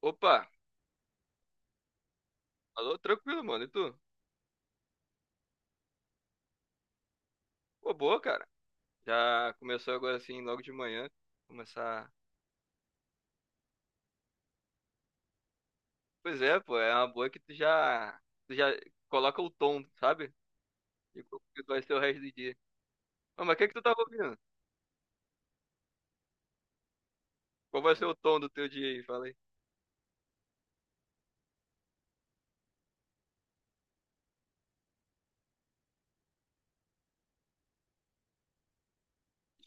Opa, alô, tranquilo, mano. E tu? Pô, boa, cara. Já começou agora assim, logo de manhã. Começar. Pois é, pô, é uma boa que tu já coloca o tom, sabe? De como que vai ser o resto do dia. Ô, mas o que que tu tava ouvindo? Qual vai ser o tom do teu dia aí? Fala aí.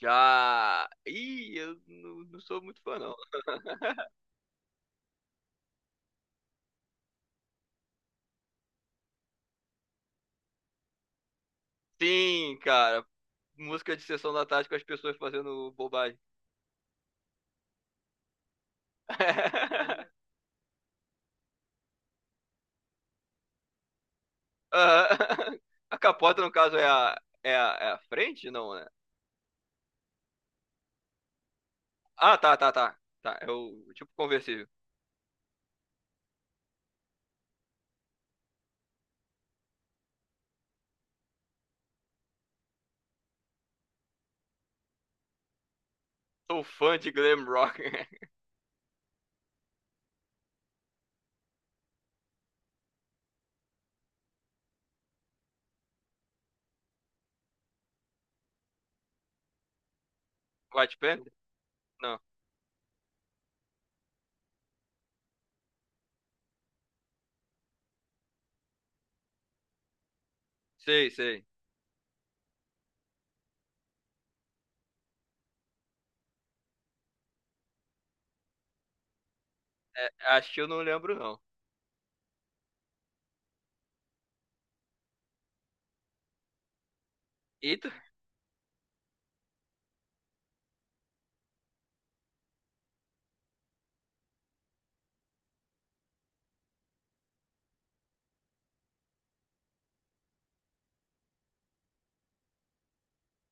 Já. Ih, eu não sou muito fã, não. Sim, cara. Música de sessão da tarde com as pessoas fazendo bobagem. Aham. A capota, no caso, é a frente? Não, né? Ah, tá, tá, tá. Tá, é o tipo conversível. Sou fã de glam rock. White Panther? Não. Sei, sei. É, acho que eu não lembro, não. E,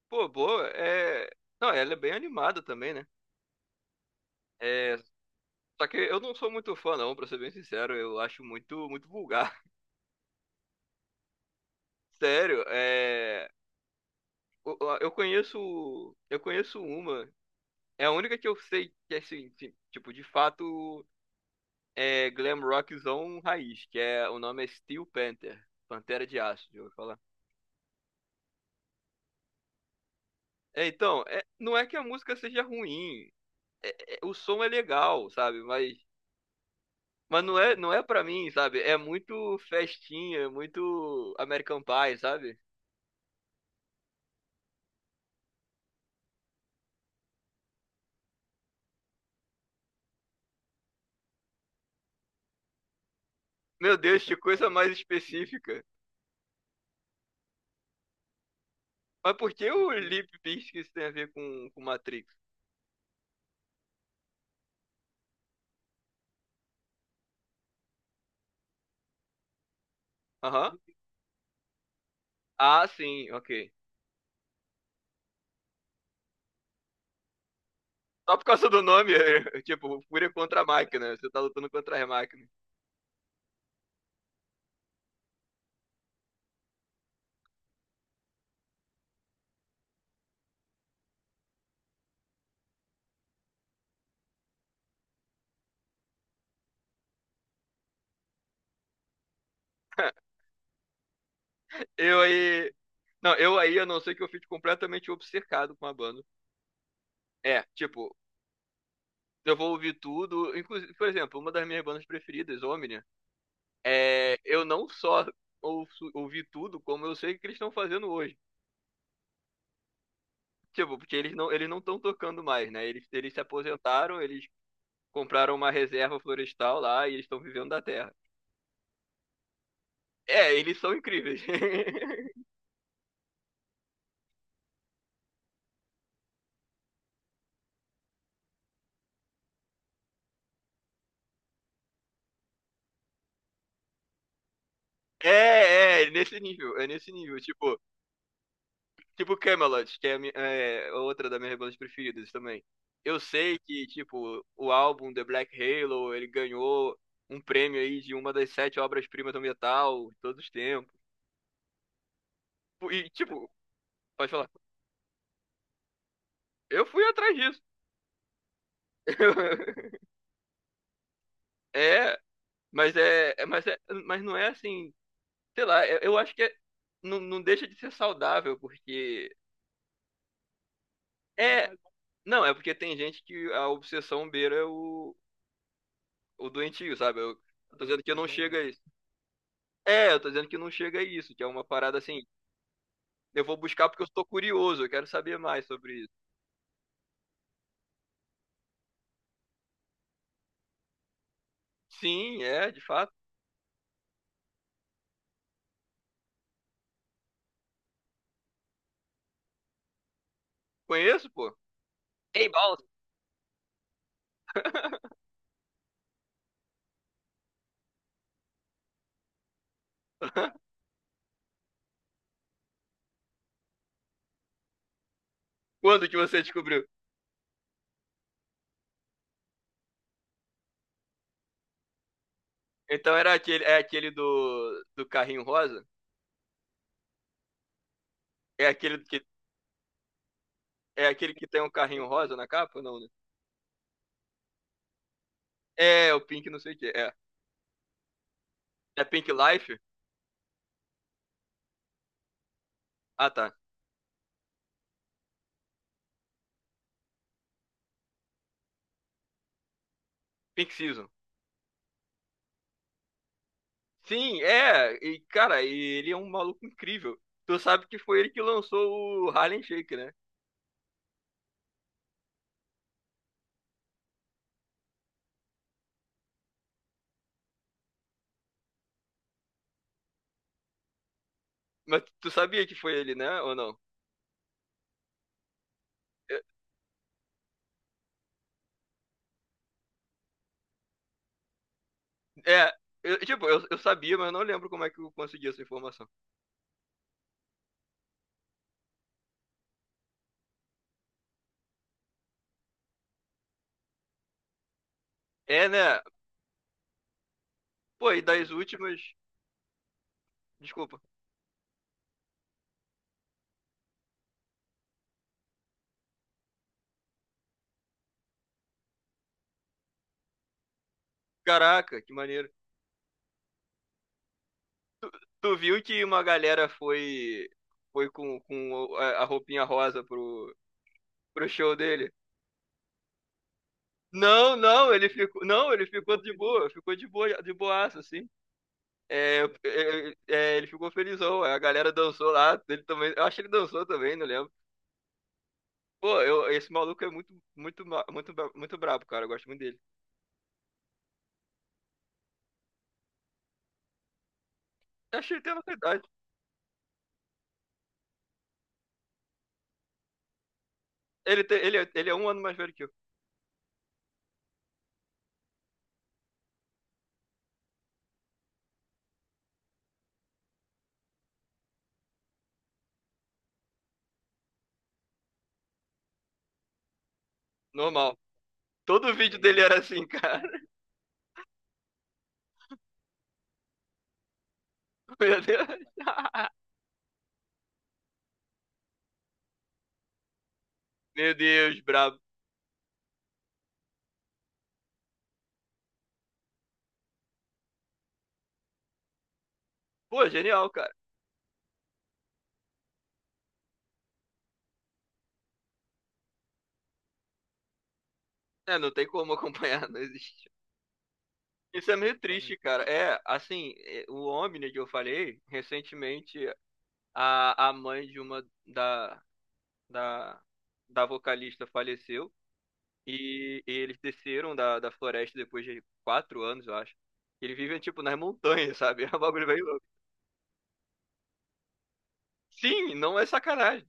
pô, boa, é. Não, ela é bem animada também, né? É. Só que eu não sou muito fã, não, pra ser bem sincero. Eu acho muito, muito vulgar. Sério, é. Eu Eu conheço uma. É a única que eu sei que, assim, tipo, de fato é glam rockzão raiz, que é o nome é Steel Panther, Pantera de Aço, eu vou falar. É, então, é, não é que a música seja ruim. O som é legal, sabe? Mas, não é para mim, sabe? É muito festinha, é muito American Pie, sabe? Meu Deus, que coisa mais específica. Mas por que o Limp Bizkit tem a ver com Matrix? Aham. Ah, sim, ok. Só por causa do nome, tipo, Fúria contra a Máquina, você tá lutando contra a Máquina. Eu aí, Não, eu aí, a não ser que eu fique completamente obcecado com a banda. É, tipo, eu vou ouvir tudo. Inclusive, por exemplo, uma das minhas bandas preferidas, Omnia, é, eu não só ouvi tudo, como eu sei o que eles estão fazendo hoje. Tipo, porque eles não estão tocando mais, né? Eles se aposentaram. Eles compraram uma reserva florestal lá e eles estão vivendo da terra. É, eles são incríveis. É, nesse nível, é nesse nível. Tipo Camelot, que é, é outra das minhas bandas preferidas também. Eu sei que, tipo, o álbum The Black Halo, ele ganhou um prêmio aí de uma das sete obras-primas do metal de todos os tempos. E, tipo, pode falar, eu fui atrás disso. É, mas é, mas não é assim, sei lá, eu acho que não, deixa de ser saudável, porque é, não, é porque tem gente que a obsessão beira o doentio, sabe? Eu tô dizendo que eu não chega a isso. É, eu tô dizendo que não chega a isso, que é uma parada assim. Eu vou buscar porque eu estou curioso, eu quero saber mais sobre isso. Sim, é, de fato. Conheço, pô. Ei, Balls. Quando que você descobriu? Então era aquele, é aquele do carrinho rosa? É aquele que É aquele que tem um carrinho rosa na capa? Não, né? É, o Pink não sei o que. É. É Pink Life? Ah, tá. Pink Season. Sim, é. E, cara, e ele é um maluco incrível. Tu sabe que foi ele que lançou o Harlem Shake, né? Mas tu sabia que foi ele, né? Ou não? É, eu, tipo, eu sabia, mas eu não lembro como é que eu consegui essa informação. É, né? Pô, e das últimas. Desculpa. Caraca, que maneiro. Tu viu que uma galera foi. Foi com a roupinha rosa pro show dele? Não, não, ele ficou. Não, ele ficou de boa, de boaça, assim. É, é, é, é, ele ficou felizão. A galera dançou lá, ele também. Eu acho que ele dançou também, não lembro. Pô, esse maluco é muito brabo, cara. Eu gosto muito dele. Eu achei que tem nossa. Ele é um ano mais velho que eu. Normal. Todo vídeo dele era assim, cara. Meu Deus. Meu Deus, brabo. Pô, genial, cara. É, não tem como acompanhar, não existe. Isso é meio triste, cara. É, assim, é, o Omni que eu falei, recentemente, a mãe de uma da, da vocalista faleceu e eles desceram da floresta depois de 4 anos, eu acho. Eles vivem, tipo, nas montanhas, sabe? É um bagulho bem louco. Sim, não é sacanagem.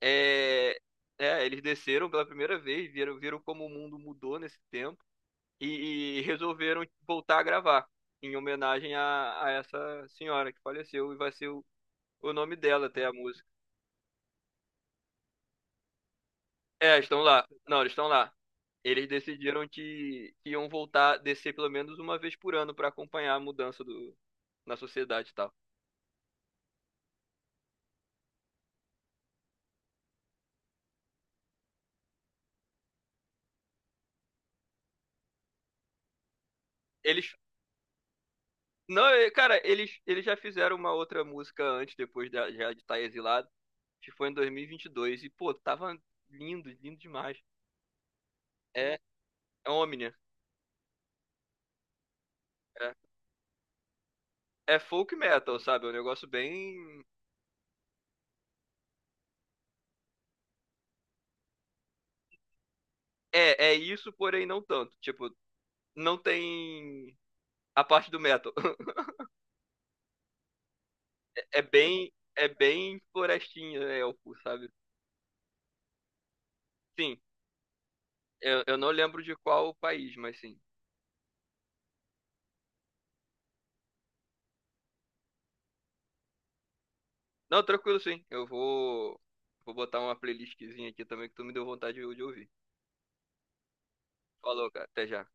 É, é, eles desceram pela primeira vez, viram como o mundo mudou nesse tempo e resolveram voltar a gravar em homenagem a essa senhora que faleceu e vai ser o nome dela até a música. É, estão lá. Não, eles estão lá. Eles decidiram que iam voltar, descer pelo menos uma vez por ano para acompanhar a mudança na sociedade e tal. Eles, não, é, cara, eles já fizeram uma outra música antes, depois já de estar exilado, que foi em 2022. E, 22. E, pô, tava lindo, lindo demais. É, é Omnia. É, é folk metal, sabe? É um negócio bem. É, é isso, porém não tanto. Tipo, não tem a parte do metal. É bem, é bem florestinha, é elfo, sabe? Sim, eu não lembro de qual país, mas sim. Não, tranquilo, sim. Eu vou botar uma playlistzinha aqui também que tu me deu vontade de ouvir. Falou, cara. Até já.